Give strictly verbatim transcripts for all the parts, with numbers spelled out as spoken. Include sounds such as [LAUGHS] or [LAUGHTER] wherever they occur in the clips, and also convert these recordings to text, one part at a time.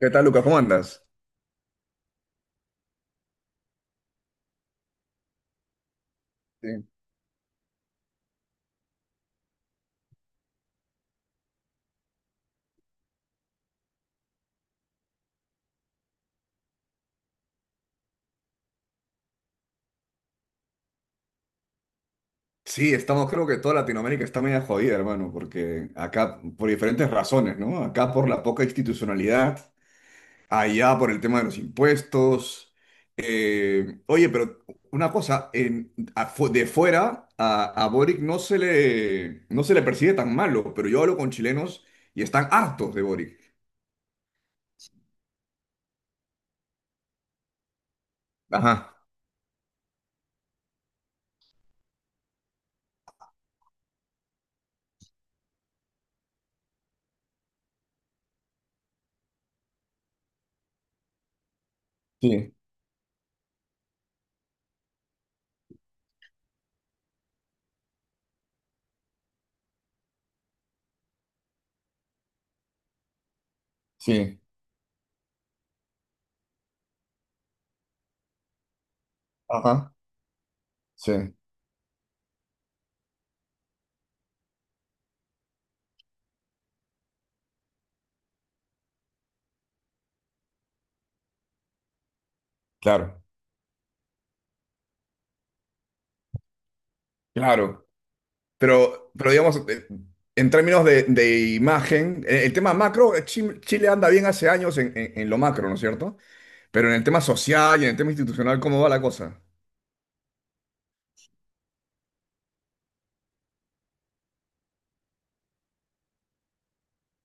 ¿Qué tal, Lucas? ¿Cómo andas? Sí, sí, estamos, creo que toda Latinoamérica está media jodida, hermano, porque acá, por diferentes razones, ¿no? Acá por la poca institucionalidad, allá por el tema de los impuestos. Eh, oye, pero una cosa, en- afu- de fuera a, a Boric no se le, no se le percibe tan malo, pero yo hablo con chilenos y están hartos de Boric. Ajá, sí, sí, ajá, sí, claro, claro. Pero, pero digamos, eh, en términos de, de imagen, eh, el tema macro, eh, Chi- Chile anda bien hace años en, en- en lo macro, ¿no es cierto? Pero en el tema social y en el tema institucional, ¿cómo va la cosa?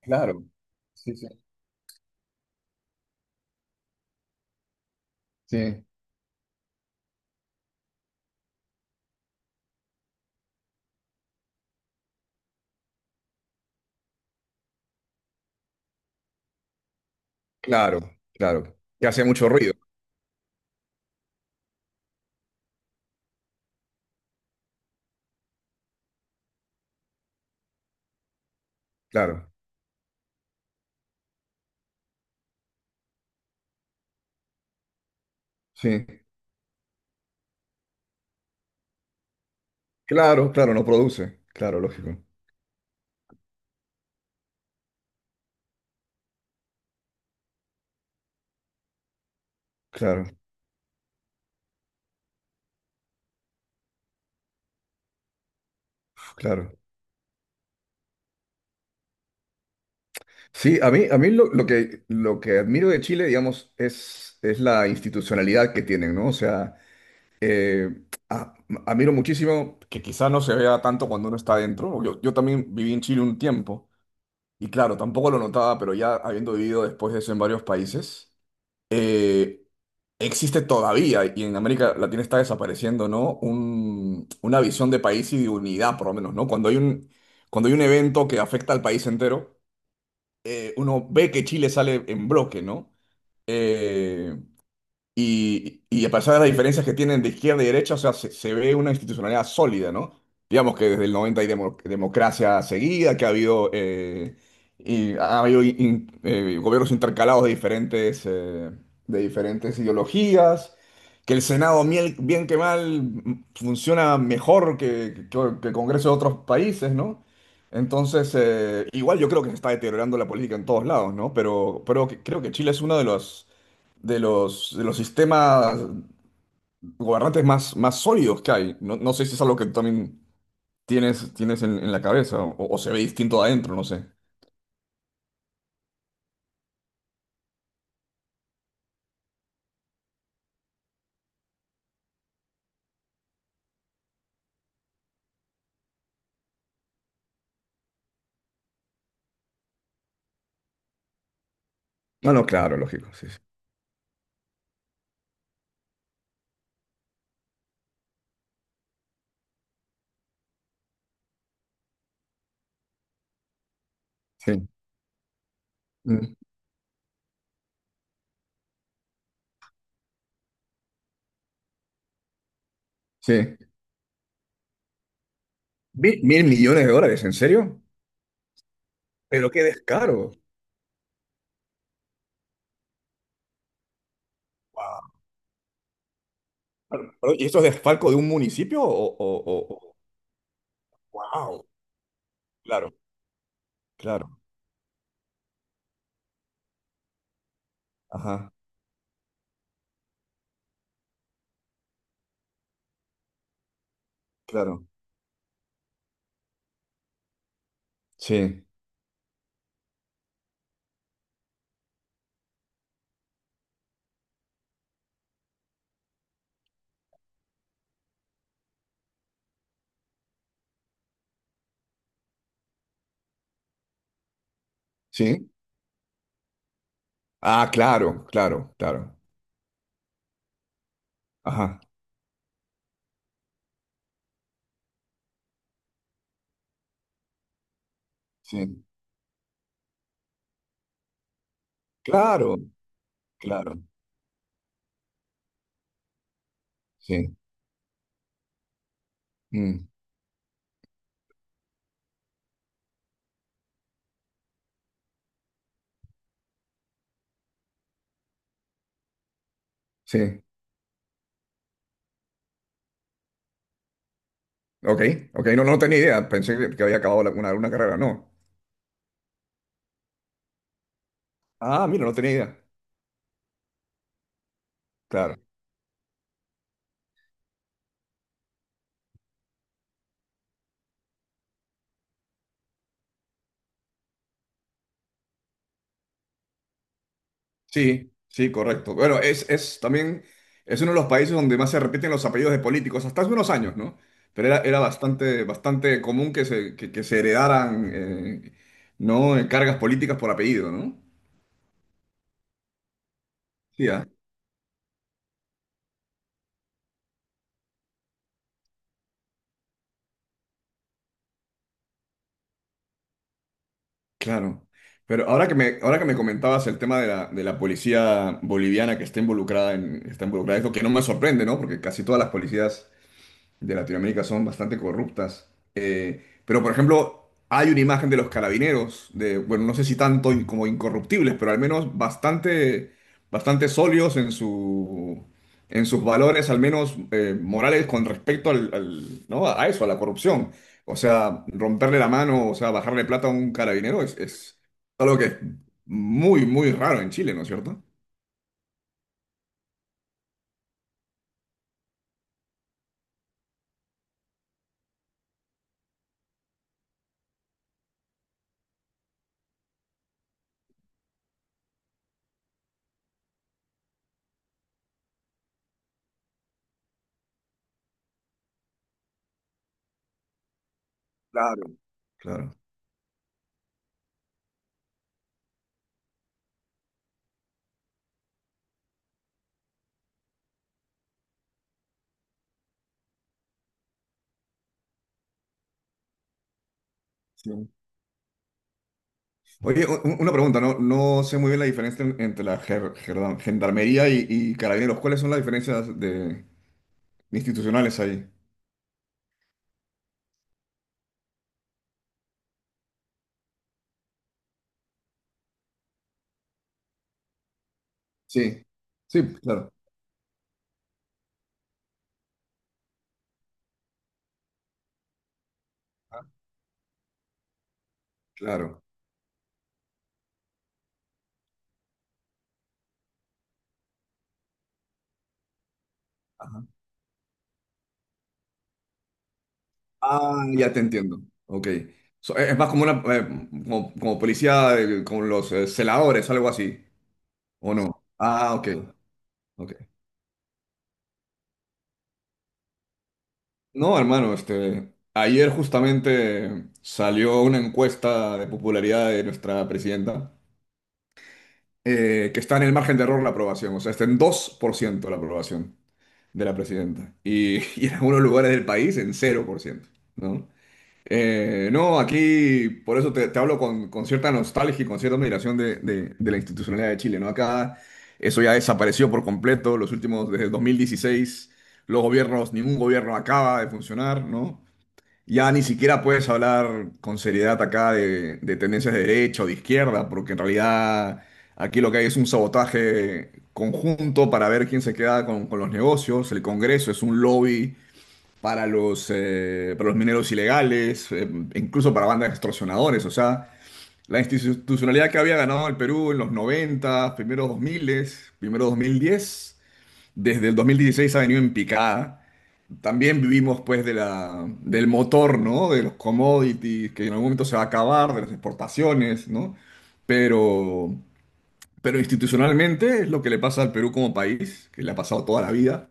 Claro, sí, sí. Sí, claro, claro. Que hace mucho ruido, claro. Sí, claro, claro, no produce. Claro, lógico. Claro, claro. Sí, a mí, a mí lo, lo que, lo que admiro de Chile, digamos, es, es la institucionalidad que tienen, ¿no? O sea, eh, a- admiro muchísimo que quizá no se vea tanto cuando uno está adentro. Yo, yo también viví en Chile un tiempo y claro, tampoco lo notaba, pero ya habiendo vivido después de eso en varios países, eh, existe todavía y en América Latina está desapareciendo, ¿no? Un- una visión de país y de unidad, por lo menos, ¿no? Cuando hay un, cuando hay un evento que afecta al país entero, eh, uno ve que Chile sale en bloque, ¿no? Eh, y, y a pesar de las diferencias que tienen de izquierda y derecha, o sea, se, se ve una institucionalidad sólida, ¿no? Digamos que desde el noventa hay demo- democracia seguida, que ha habido, eh, y ha habido in- eh, gobiernos intercalados de diferentes, eh, de diferentes ideologías, que el Senado, miel- bien que mal, m- funciona mejor que, que, que el Congreso de otros países, ¿no? Entonces, eh, igual yo creo que se está deteriorando la política en todos lados, ¿no? Pero, pero que- creo que Chile es uno de los de los, de los sistemas gobernantes más, más sólidos que hay. No, no sé si es algo que tú también tienes, tienes en, en la cabeza o, o se ve distinto adentro, no sé. No, no, claro, lógico, sí, sí. Sí. Mm, sí. ¿Mil, mil millones de dólares? ¿En serio? Pero qué descaro. Wow. Pero- pero, ¿y esto es desfalco de un municipio o o, o, o- wow, claro, claro, ajá, claro, sí, sí, ah, claro, claro, claro, ajá, sí, claro, claro, sí, mm. Sí. Ok, ok, no, no tenía idea. Pensé que que había acabado la- una, una carrera, no. Ah, mira, no tenía idea. Claro. Sí, sí, correcto. Bueno, es, es también, es uno de los países donde más se repiten los apellidos de políticos, hasta hace unos años, ¿no? Pero era, era bastante, bastante común que se, que, que se heredaran, eh, ¿no? Eh, Cargas políticas por apellido, ¿no? Sí, ah, claro. Pero ahora que me, ahora que me comentabas el tema de la, de la policía boliviana que está involucrada en, está involucrada en esto, que no me sorprende, ¿no? Porque casi todas las policías de Latinoamérica son bastante corruptas. Eh, pero, por ejemplo, hay una imagen de los carabineros, de, bueno, no sé si tanto in- como incorruptibles, pero al menos bastante, bastante sólidos en su, en sus valores, al menos eh, morales, con respecto al, al- ¿no? A eso, a la corrupción. O sea, romperle la mano, o sea, bajarle plata a un carabinero es, es algo que es muy, muy raro en Chile, ¿no es cierto? Claro, claro. Oye, u- u- una pregunta, no, no sé muy bien la diferencia en- entre la ger- gerda- gendarmería y, y carabineros. ¿Cuáles son las diferencias de, institucionales ahí? Sí, sí, claro, claro. Ah, ya te entiendo. Ok. So, es es más como una eh, como, como policía, eh, como los eh, celadores, algo así, ¿o no? Ah, ok, ok. No, hermano, este, ayer justamente salió una encuesta de popularidad de nuestra presidenta. Eh, que está en el margen de error la aprobación, o sea, está en dos por ciento la aprobación de la presidenta y, [LAUGHS] y en algunos lugares del país en cero por ciento, ¿no? Eh, no, aquí por eso te, te hablo con, con cierta nostalgia y con cierta admiración de, de- de la institucionalidad de Chile, ¿no? Acá eso ya desapareció por completo, los últimos, desde dos mil dieciséis los gobiernos, ningún gobierno acaba de funcionar, ¿no? Ya ni siquiera puedes hablar con seriedad acá de, de tendencias de derecha o de izquierda, porque en realidad aquí lo que hay es un sabotaje conjunto para ver quién se queda con, con los negocios. El Congreso es un lobby para los, eh, para los mineros ilegales, eh, incluso para bandas de extorsionadores. O sea, la institucionalidad que había ganado el Perú en los noventa primeros dos mil, primero dos mil diez desde el dos mil dieciséis ha venido en picada. También vivimos pues de la, del motor, ¿no? De los commodities, que en algún momento se va a acabar, de las exportaciones, ¿no? Pero, pero institucionalmente es lo que le pasa al Perú como país, que le ha pasado toda la vida,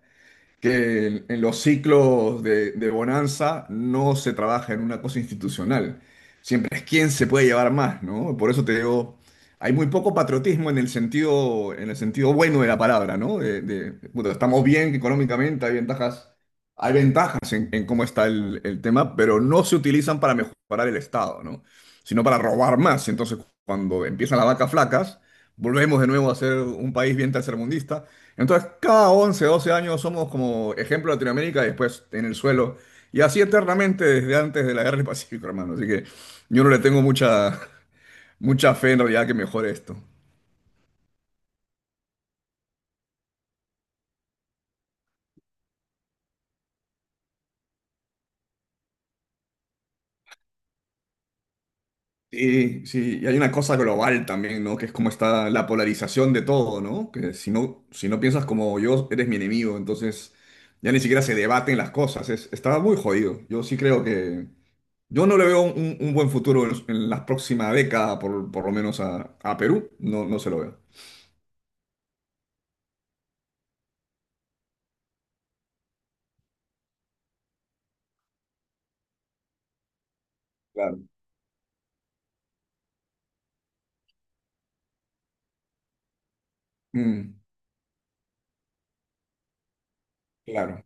que en, en los ciclos de, de bonanza no se trabaja en una cosa institucional. Siempre es quién se puede llevar más, ¿no? Por eso te digo, hay muy poco patriotismo en el sentido, en el sentido bueno de la palabra, ¿no? De, de, puta, estamos bien económicamente, hay ventajas, hay ventajas en, en cómo está el, el tema, pero no se utilizan para mejorar el Estado, ¿no? Sino para robar más. Entonces, cuando empiezan las vacas flacas, volvemos de nuevo a ser un país bien tercermundista, entonces, cada once, doce años somos como ejemplo Latinoamérica y después en el suelo. Y así eternamente desde antes de la guerra del Pacífico, hermano. Así que yo no le tengo mucha, mucha fe en realidad que mejore esto. Sí, sí, y hay una cosa global también, ¿no? Que es como está la polarización de todo, ¿no? Que si no, si no piensas como yo, eres mi enemigo, entonces ya ni siquiera se debaten las cosas, es, está muy jodido. Yo sí creo que. Yo no le veo un, un buen futuro en, en la próxima década, por, por lo menos a, a Perú, no, no se lo veo. Claro, mm, claro.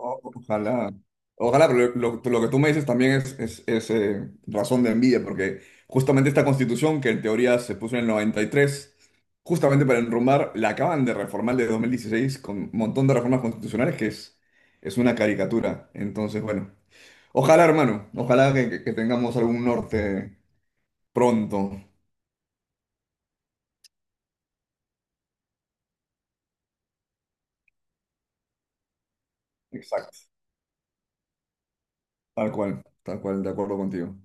O- ojalá, ojalá, pero lo, lo- lo que tú me dices también es, es, es, eh, razón de envidia, porque justamente esta constitución, que en teoría se puso en el noventa y tres, justamente para enrumbar, la acaban de reformar de dos mil dieciséis con un montón de reformas constitucionales que es, es una caricatura. Entonces, bueno, ojalá, hermano, ojalá que, que- que tengamos algún norte pronto. Exacto. Tal cual, tal cual, de acuerdo contigo.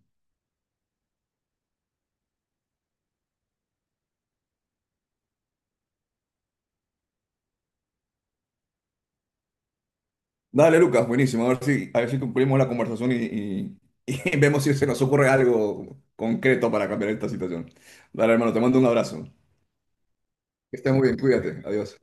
Dale, Lucas, buenísimo. A ver si, a ver si concluimos la conversación y, y- [LAUGHS] y vemos si se nos ocurre algo concreto para cambiar esta situación. Dale, hermano, te mando un abrazo. Que estés muy bien, cuídate. Adiós.